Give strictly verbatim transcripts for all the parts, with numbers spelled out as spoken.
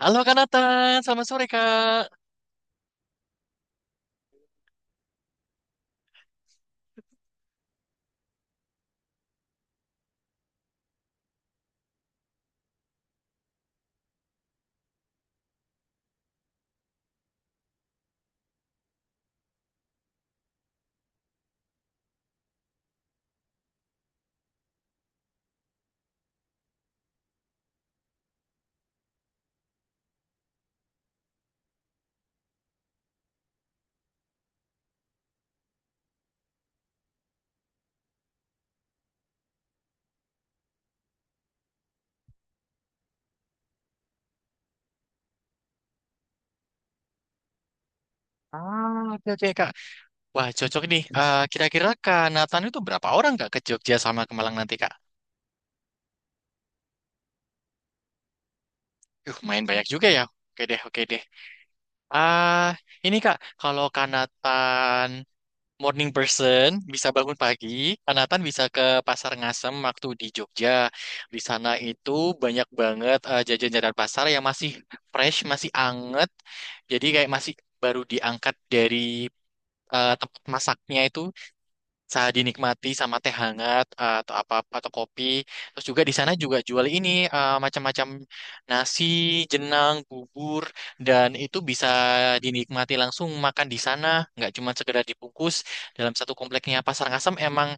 Halo Kak Nathan, selamat sore Kak. Ah, oke oke Kak. Wah, cocok nih. Eh, kira-kira Kak Nathan itu berapa orang Kak ke Jogja sama ke Malang nanti Kak? Uh, main banyak juga ya. Oke deh, oke deh. Ah, ini Kak, kalau Kak Nathan morning person bisa bangun pagi, Kak Nathan bisa ke Pasar Ngasem waktu di Jogja. Di sana itu banyak banget eh, jajan-jajan pasar yang masih fresh, masih anget. Jadi kayak masih baru diangkat dari eh, tempat masaknya itu. Saat dinikmati sama teh hangat eh, atau apa atau kopi. Terus juga di sana juga jual ini eh, macam-macam nasi, jenang, bubur dan itu bisa dinikmati langsung makan di sana, nggak cuma sekedar dibungkus. Dalam satu kompleknya Pasar Ngasem emang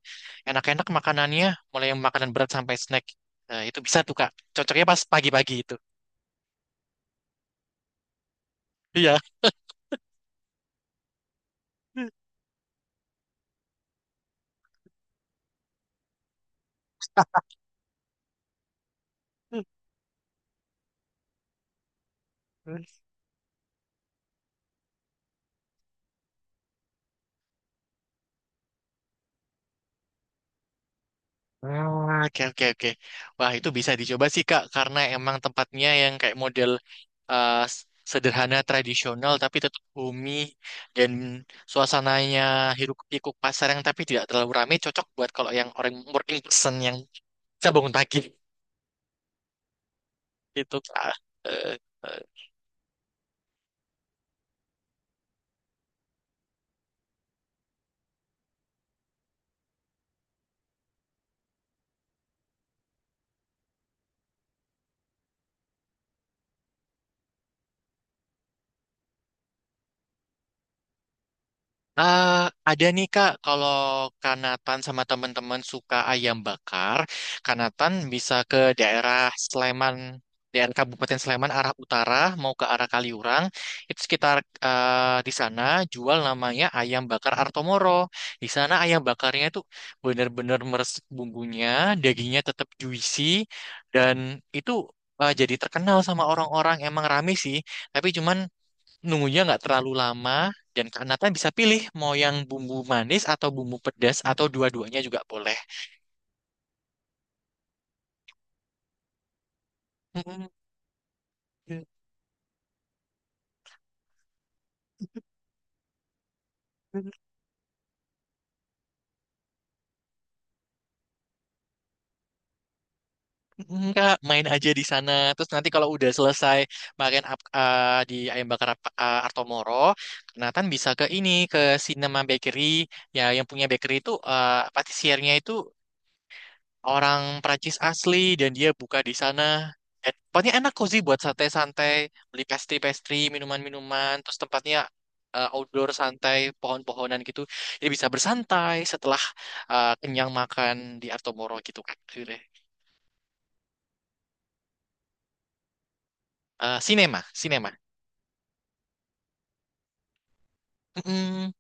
enak-enak makanannya, mulai yang makanan berat sampai snack. Nah, itu bisa tuh Kak. Cocoknya pas pagi-pagi itu. Iya. Ah, oke oke oke. Wah, itu bisa dicoba sih Kak karena emang tempatnya yang kayak model eh, s- sederhana tradisional tapi tetap bumi dan suasananya hiruk-pikuk pasar yang tapi tidak terlalu ramai, cocok buat kalau yang orang working person yang bisa bangun pagi gitu Kak. Eh, eh. Eh, ada nih Kak, kalau Kanatan sama teman-teman suka ayam bakar, Kanatan bisa ke daerah Sleman, daerah Kabupaten Sleman arah utara mau ke arah Kaliurang, itu sekitar eh, di sana jual namanya ayam bakar Artomoro. Di sana ayam bakarnya itu benar-benar meresap bumbunya, dagingnya tetap juicy dan itu eh, jadi terkenal sama orang-orang, emang rame sih, tapi cuman nunggunya nggak terlalu lama dan karena kan bisa pilih mau yang bumbu manis atau bumbu pedas atau dua-duanya juga boleh. Enggak, main aja di sana. Terus nanti kalau udah selesai makan ap- eh, di ayam bakar ap- eh, Artomoro, Nathan bisa ke ini ke Cinema Bakery. Ya, yang punya bakery itu eh patisiernya itu orang Prancis asli dan dia buka di sana. Dan tempatnya enak cozy buat santai-santai, beli pastry-pastry, minuman-minuman, terus tempatnya eh, outdoor santai, pohon-pohonan gitu. Jadi bisa bersantai setelah eh, kenyang makan di Artomoro gitu kan. Akhirnya. Eh, sinema, sinema. Mm-mm.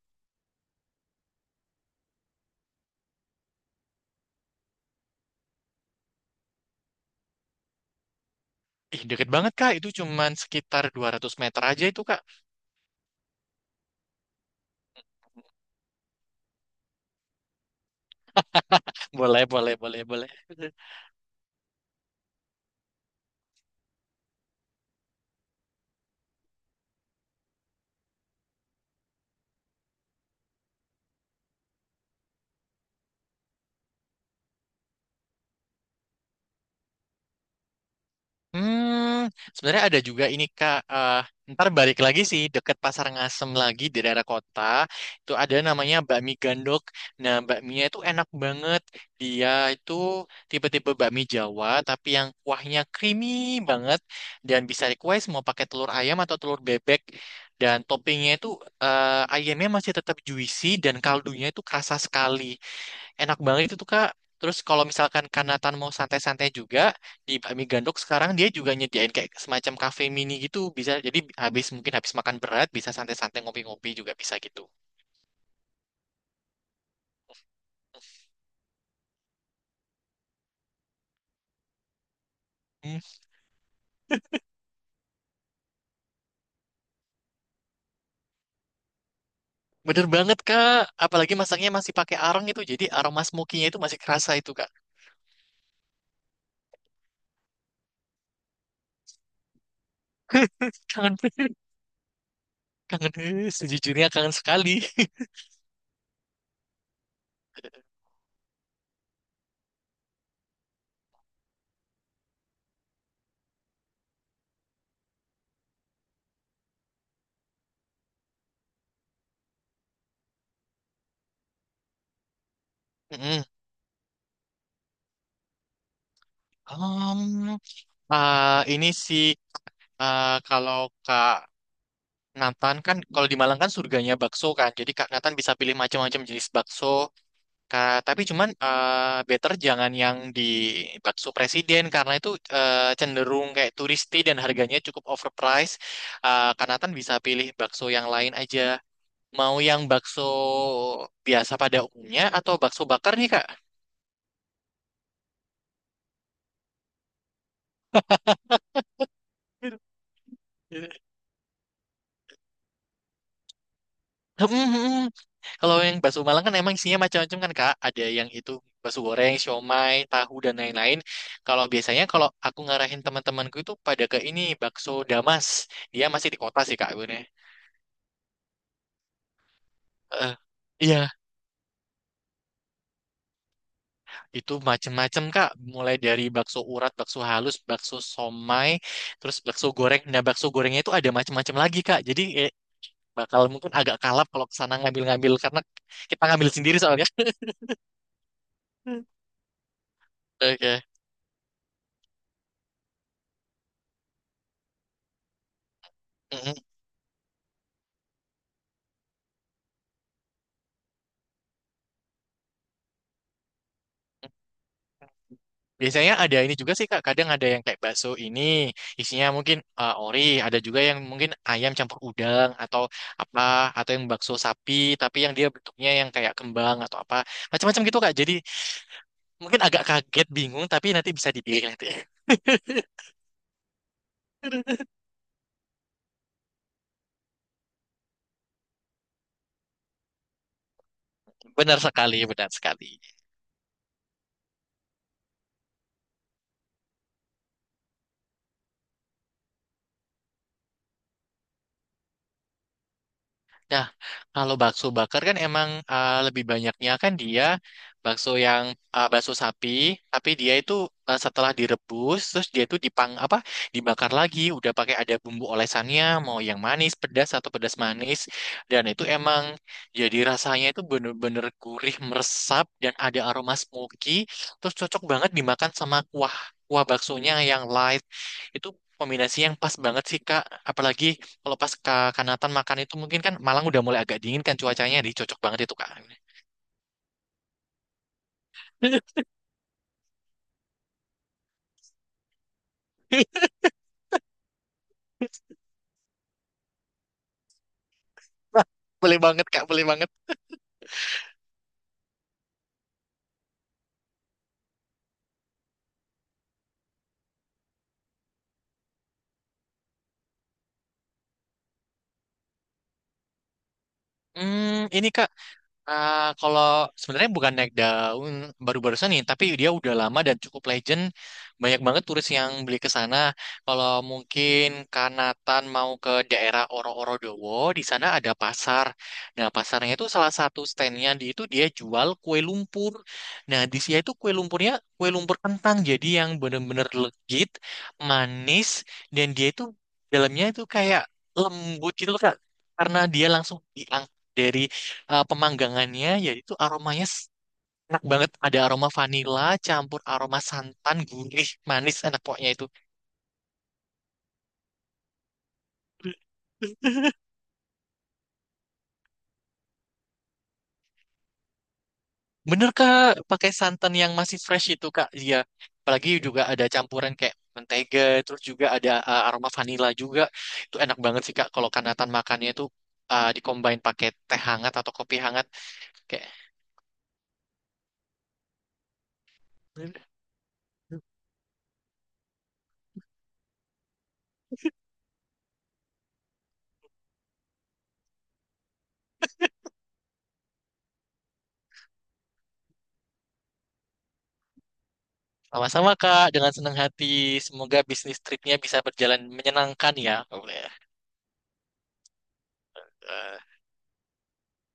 Ih, deket banget Kak, itu cuman sekitar dua ratus meter aja itu Kak. Boleh, boleh, boleh, boleh. Hmm, sebenarnya ada juga ini Kak. Eh, ntar balik lagi sih deket Pasar Ngasem lagi di daerah kota. Itu ada namanya bakmi gandok. Nah, bakminya itu enak banget. Dia itu tipe-tipe bakmi Jawa tapi yang kuahnya creamy banget dan bisa request mau pakai telur ayam atau telur bebek. Dan toppingnya itu eh, ayamnya masih tetap juicy dan kaldunya itu kerasa sekali. Enak banget itu tuh Kak. Terus kalau misalkan Kanatan mau santai-santai juga di Bakmi Gandok, sekarang dia juga nyediain kayak semacam kafe mini gitu, bisa jadi habis mungkin habis makan berat bisa santai-santai ngopi-ngopi juga bisa gitu. Hmm, bener banget Kak. Apalagi masaknya masih pakai arang itu jadi aroma smokinya itu masih kerasa itu Kak. Kangen, kangen eh, sejujurnya kangen sekali. Mm-mm. Um, ah, ini sih, ah, kalau Kak Nathan kan kalau di Malang kan surganya bakso kan. Jadi Kak Nathan bisa pilih macam-macam jenis bakso. Kak, tapi cuman eh, better jangan yang di bakso presiden karena itu eh, cenderung kayak turisti dan harganya cukup overpriced. Eh, Kak Nathan bisa pilih bakso yang lain aja. Mau yang bakso biasa pada umumnya atau bakso bakar nih Kak? Hmm, hmm, hmm. Kalau yang bakso Malang kan emang isinya macam-macam kan Kak. Ada yang itu bakso goreng, siomay, tahu dan lain-lain. Kalau biasanya kalau aku ngarahin teman-temanku itu pada ke ini bakso Damas. Dia masih di kota sih Kak gue. Eh, iya, itu macam-macam Kak. Mulai dari bakso urat, bakso halus, bakso somai, terus bakso goreng. Nah, bakso gorengnya itu ada macam-macam lagi Kak. Jadi eh, bakal mungkin agak kalap kalau kesana ngambil-ngambil karena kita ngambil sendiri soalnya. Oke. Mm-mm. Biasanya ada ini juga sih Kak, kadang ada yang kayak bakso ini isinya mungkin eh, ori, ada juga yang mungkin ayam campur udang atau apa, atau yang bakso sapi tapi yang dia bentuknya yang kayak kembang atau apa. Macam-macam gitu Kak. Jadi mungkin agak kaget, bingung tapi nanti bisa dipilih nanti. Benar sekali, benar sekali. Nah, kalau bakso bakar kan emang uh, lebih banyaknya kan dia bakso yang uh, bakso sapi, tapi dia itu uh, setelah direbus terus dia itu dipang apa dibakar lagi, udah pakai ada bumbu olesannya, mau yang manis, pedas atau pedas manis, dan itu emang jadi rasanya itu bener-bener gurih meresap dan ada aroma smoky, terus cocok banget dimakan sama kuah kuah baksonya yang light, itu kombinasi yang pas banget sih Kak, apalagi kalau pas ke Kanatan makan itu mungkin kan Malang udah mulai agak dingin kan cuacanya, jadi cocok banget itu Kak. Boleh banget Kak, boleh banget. Hmm, ini Kak. Ah, kalau sebenarnya bukan naik daun baru-barusan nih, tapi dia udah lama dan cukup legend. Banyak banget turis yang beli ke sana. Kalau mungkin Kanatan mau ke daerah Oro-Oro, di sana ada pasar. Nah, pasarnya itu salah satu standnya di itu dia jual kue lumpur. Nah, di sini itu kue lumpurnya kue lumpur kentang, jadi yang bener-bener legit, manis, dan dia itu dalamnya itu kayak lembut gitu loh, Kak. Karena dia langsung diangkat dari eh, pemanggangannya, yaitu aromanya s- enak banget, ada aroma vanila campur aroma santan gurih manis enak pokoknya itu. Bener Kak, pakai santan yang masih fresh itu Kak, iya. Apalagi juga ada campuran kayak mentega terus juga ada eh, aroma vanila juga. Itu enak banget sih Kak, kalau Kanatan makannya itu eh dikombain pakai teh hangat atau kopi hangat kayak. Sama-sama Kak, dengan senang hati. Semoga bisnis tripnya bisa berjalan menyenangkan ya. Boleh. Ya. Eh,